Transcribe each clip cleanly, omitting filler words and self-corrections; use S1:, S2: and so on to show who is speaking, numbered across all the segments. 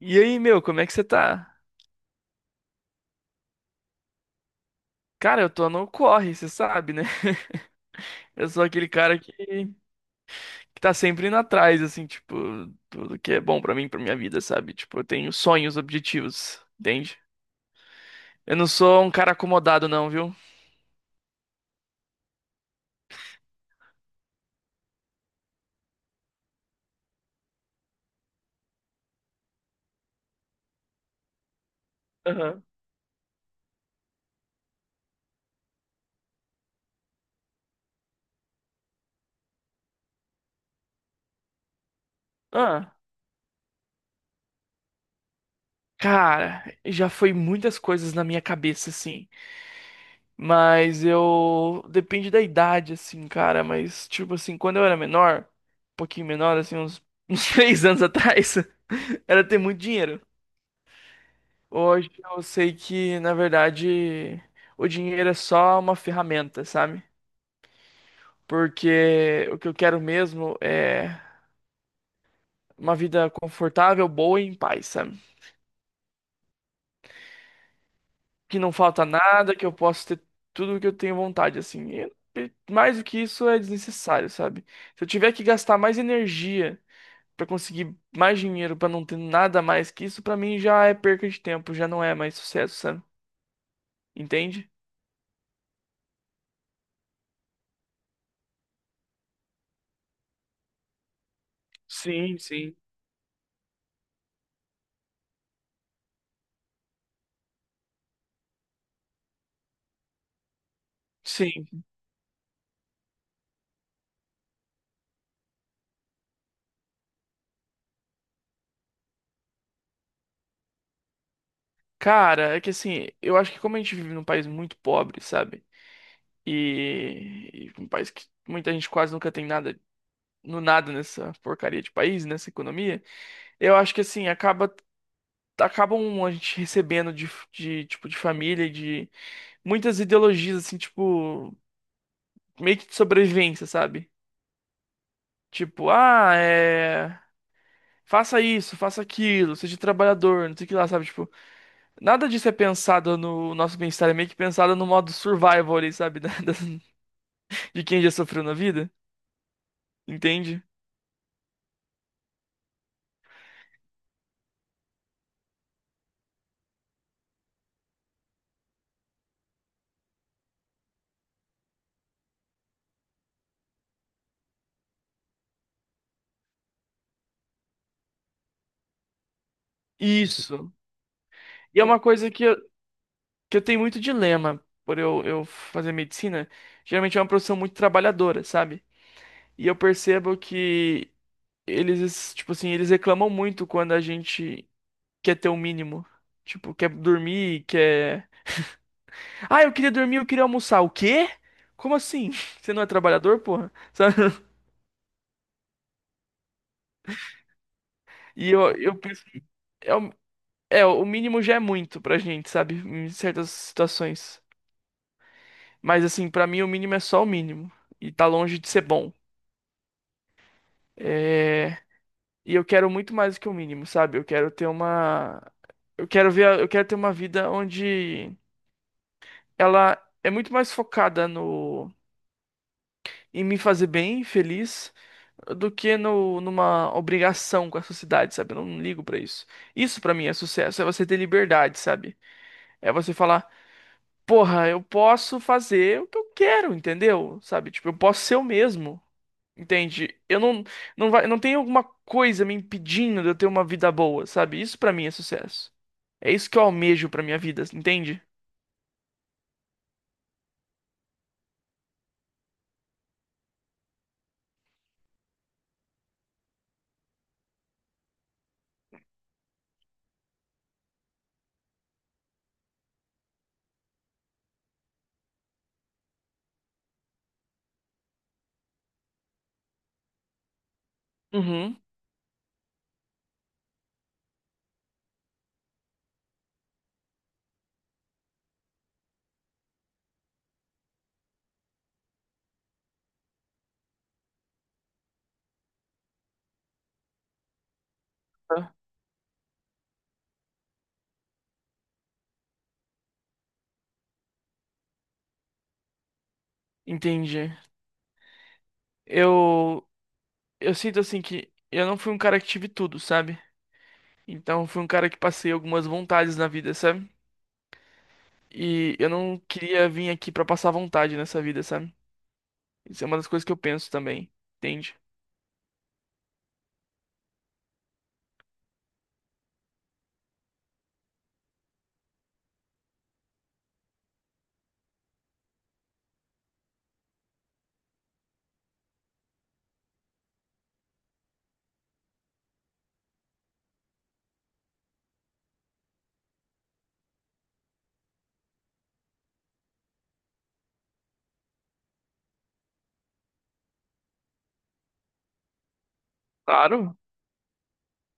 S1: E aí, meu, como é que você tá? Cara, eu tô no corre, você sabe, né? Eu sou aquele cara que tá sempre indo atrás, assim, tipo, tudo que é bom pra mim, pra minha vida, sabe? Tipo, eu tenho sonhos, objetivos, entende? Eu não sou um cara acomodado, não, viu? Aham. Ah, cara, já foi muitas coisas na minha cabeça, assim. Mas eu. Depende da idade, assim, cara. Mas, tipo, assim, quando eu era menor, um pouquinho menor, assim, uns três anos atrás, era ter muito dinheiro. Hoje eu sei que, na verdade, o dinheiro é só uma ferramenta, sabe? Porque o que eu quero mesmo é uma vida confortável, boa e em paz, sabe? Que não falta nada, que eu posso ter tudo o que eu tenho vontade, assim. E mais do que isso é desnecessário, sabe? Se eu tiver que gastar mais energia pra conseguir mais dinheiro, pra não ter nada mais que isso, pra mim já é perca de tempo, já não é mais sucesso, sabe? Entende? Sim, sim. Sim. Cara, é que assim, eu acho que como a gente vive num país muito pobre, sabe? E um país que muita gente quase nunca tem nada, no nada nessa porcaria de país, nessa economia, eu acho que assim, acabam a gente recebendo de tipo de família, e de muitas ideologias assim, tipo, meio que de sobrevivência, sabe? Tipo, ah, é, faça isso, faça aquilo, seja trabalhador, não sei o que lá, sabe? Tipo, nada disso é pensado no nosso bem-estar, é meio que pensado no modo survival ali, sabe? De quem já sofreu na vida, entende? Isso. E é uma coisa que eu tenho muito dilema por eu fazer medicina. Geralmente é uma profissão muito trabalhadora, sabe? E eu percebo que eles, tipo assim, eles reclamam muito quando a gente quer ter o mínimo. Tipo, quer dormir, quer. Ah, eu queria dormir, eu queria almoçar. O quê? Como assim? Você não é trabalhador, porra? Sabe? E eu penso. É, o- o mínimo já é muito pra gente, sabe? Em certas situações. Mas assim, pra mim o mínimo é só o mínimo. E tá longe de ser bom. É... E eu quero muito mais do que o mínimo, sabe? Eu quero ter uma. Eu quero ver. Eu quero ter uma vida onde ela é muito mais focada no, em me fazer bem, feliz, do que no, numa obrigação com a sociedade, sabe? Eu não ligo pra isso. Isso pra mim é sucesso, é você ter liberdade, sabe? É você falar, porra, eu posso fazer o que eu quero, entendeu? Sabe? Tipo, eu posso ser eu mesmo. Entende? Eu não, não vai, não tem alguma coisa me impedindo de eu ter uma vida boa, sabe? Isso pra mim é sucesso. É isso que eu almejo pra minha vida, entende? Uhum. Tá. Entendi. Eu, eu sinto assim que eu não fui um cara que tive tudo, sabe? Então eu fui um cara que passei algumas vontades na vida, sabe? E eu não queria vir aqui pra passar vontade nessa vida, sabe? Isso é uma das coisas que eu penso também, entende? Claro.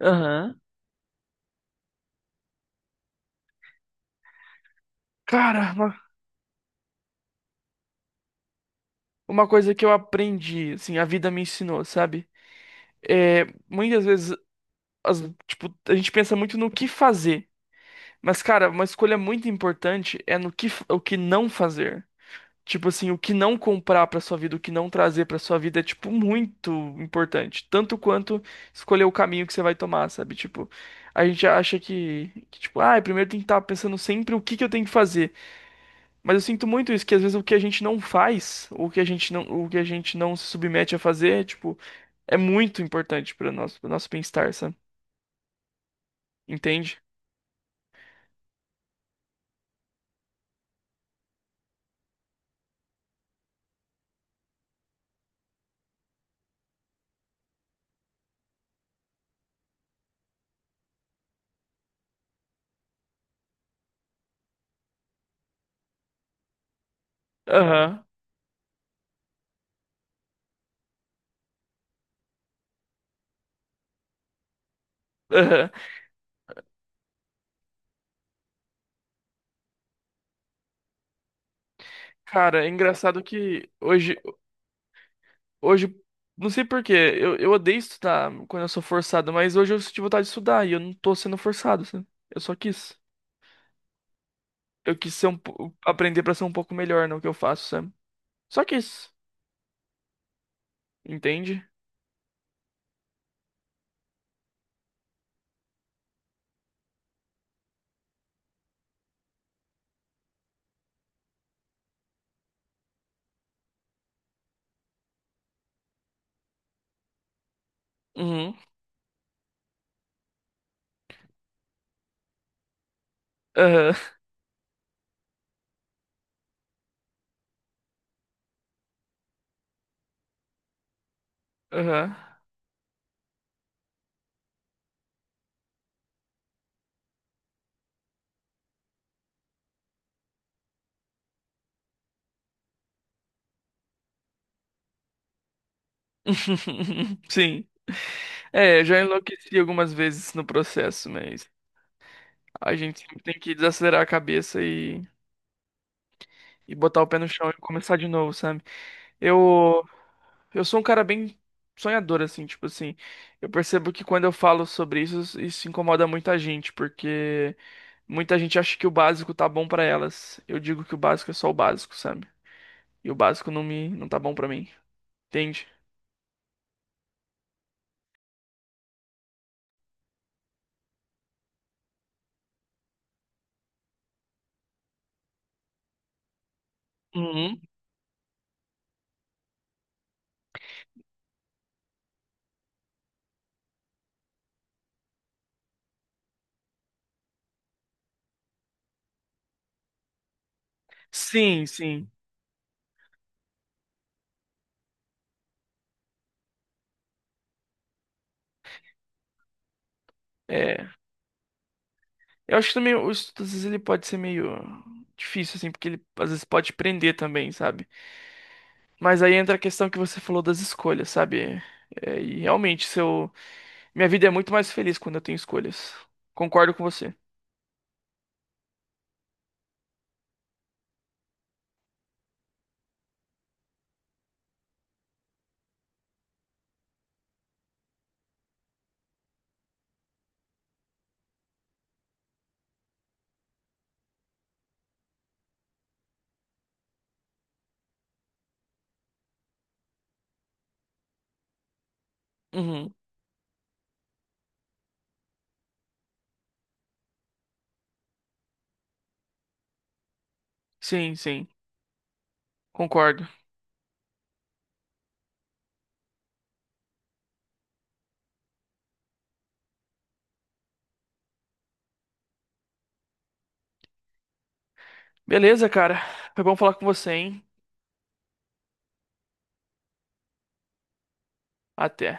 S1: Aham. Cara, uma coisa que eu aprendi, assim, a vida me ensinou, sabe? É, muitas vezes as- tipo, a gente pensa muito no que fazer. Mas, cara, uma escolha muito importante é no que, o que não fazer. Tipo assim, o que não comprar pra sua vida, o que não trazer pra sua vida é, tipo, muito importante. Tanto quanto escolher o caminho que você vai tomar, sabe? Tipo, a gente acha que tipo, ah, primeiro tem que estar pensando sempre o que que eu tenho que fazer. Mas eu sinto muito isso, que às vezes o que a gente não faz, ou o que a gente não, o que a gente não se submete a fazer, tipo, é muito importante para nosso bem-estar, sabe? Entende? Aham. Aham. Cara, é engraçado que hoje, não sei por quê, eu odeio estudar quando eu sou forçado, mas hoje eu senti vontade de estudar e eu não tô sendo forçado, sabe? Eu só quis. Eu quis ser um, aprender pra ser um pouco melhor no que eu faço, sabe? Só quis. Entende? Uhum. Aham. Aham. Sim. É, eu já enlouqueci algumas vezes no processo, mas a gente sempre tem que desacelerar a cabeça e botar o pé no chão e começar de novo, sabe? Eu. Eu sou um cara bem sonhador, assim, tipo assim. Eu percebo que quando eu falo sobre isso, isso incomoda muita gente, porque muita gente acha que o básico tá bom pra elas. Eu digo que o básico é só o básico, sabe? E o básico não me, não tá bom pra mim, entende? Uhum. Sim, sim. É. Eu acho que também o estudo, às vezes, ele pode ser meio difícil, assim, porque ele às vezes pode prender também, sabe? Mas aí entra a questão que você falou das escolhas, sabe? É, e realmente, se eu. Minha vida é muito mais feliz quando eu tenho escolhas. Concordo com você. Uhum. Sim, sim. Concordo. Beleza, cara. Foi bom falar com você, hein? Até.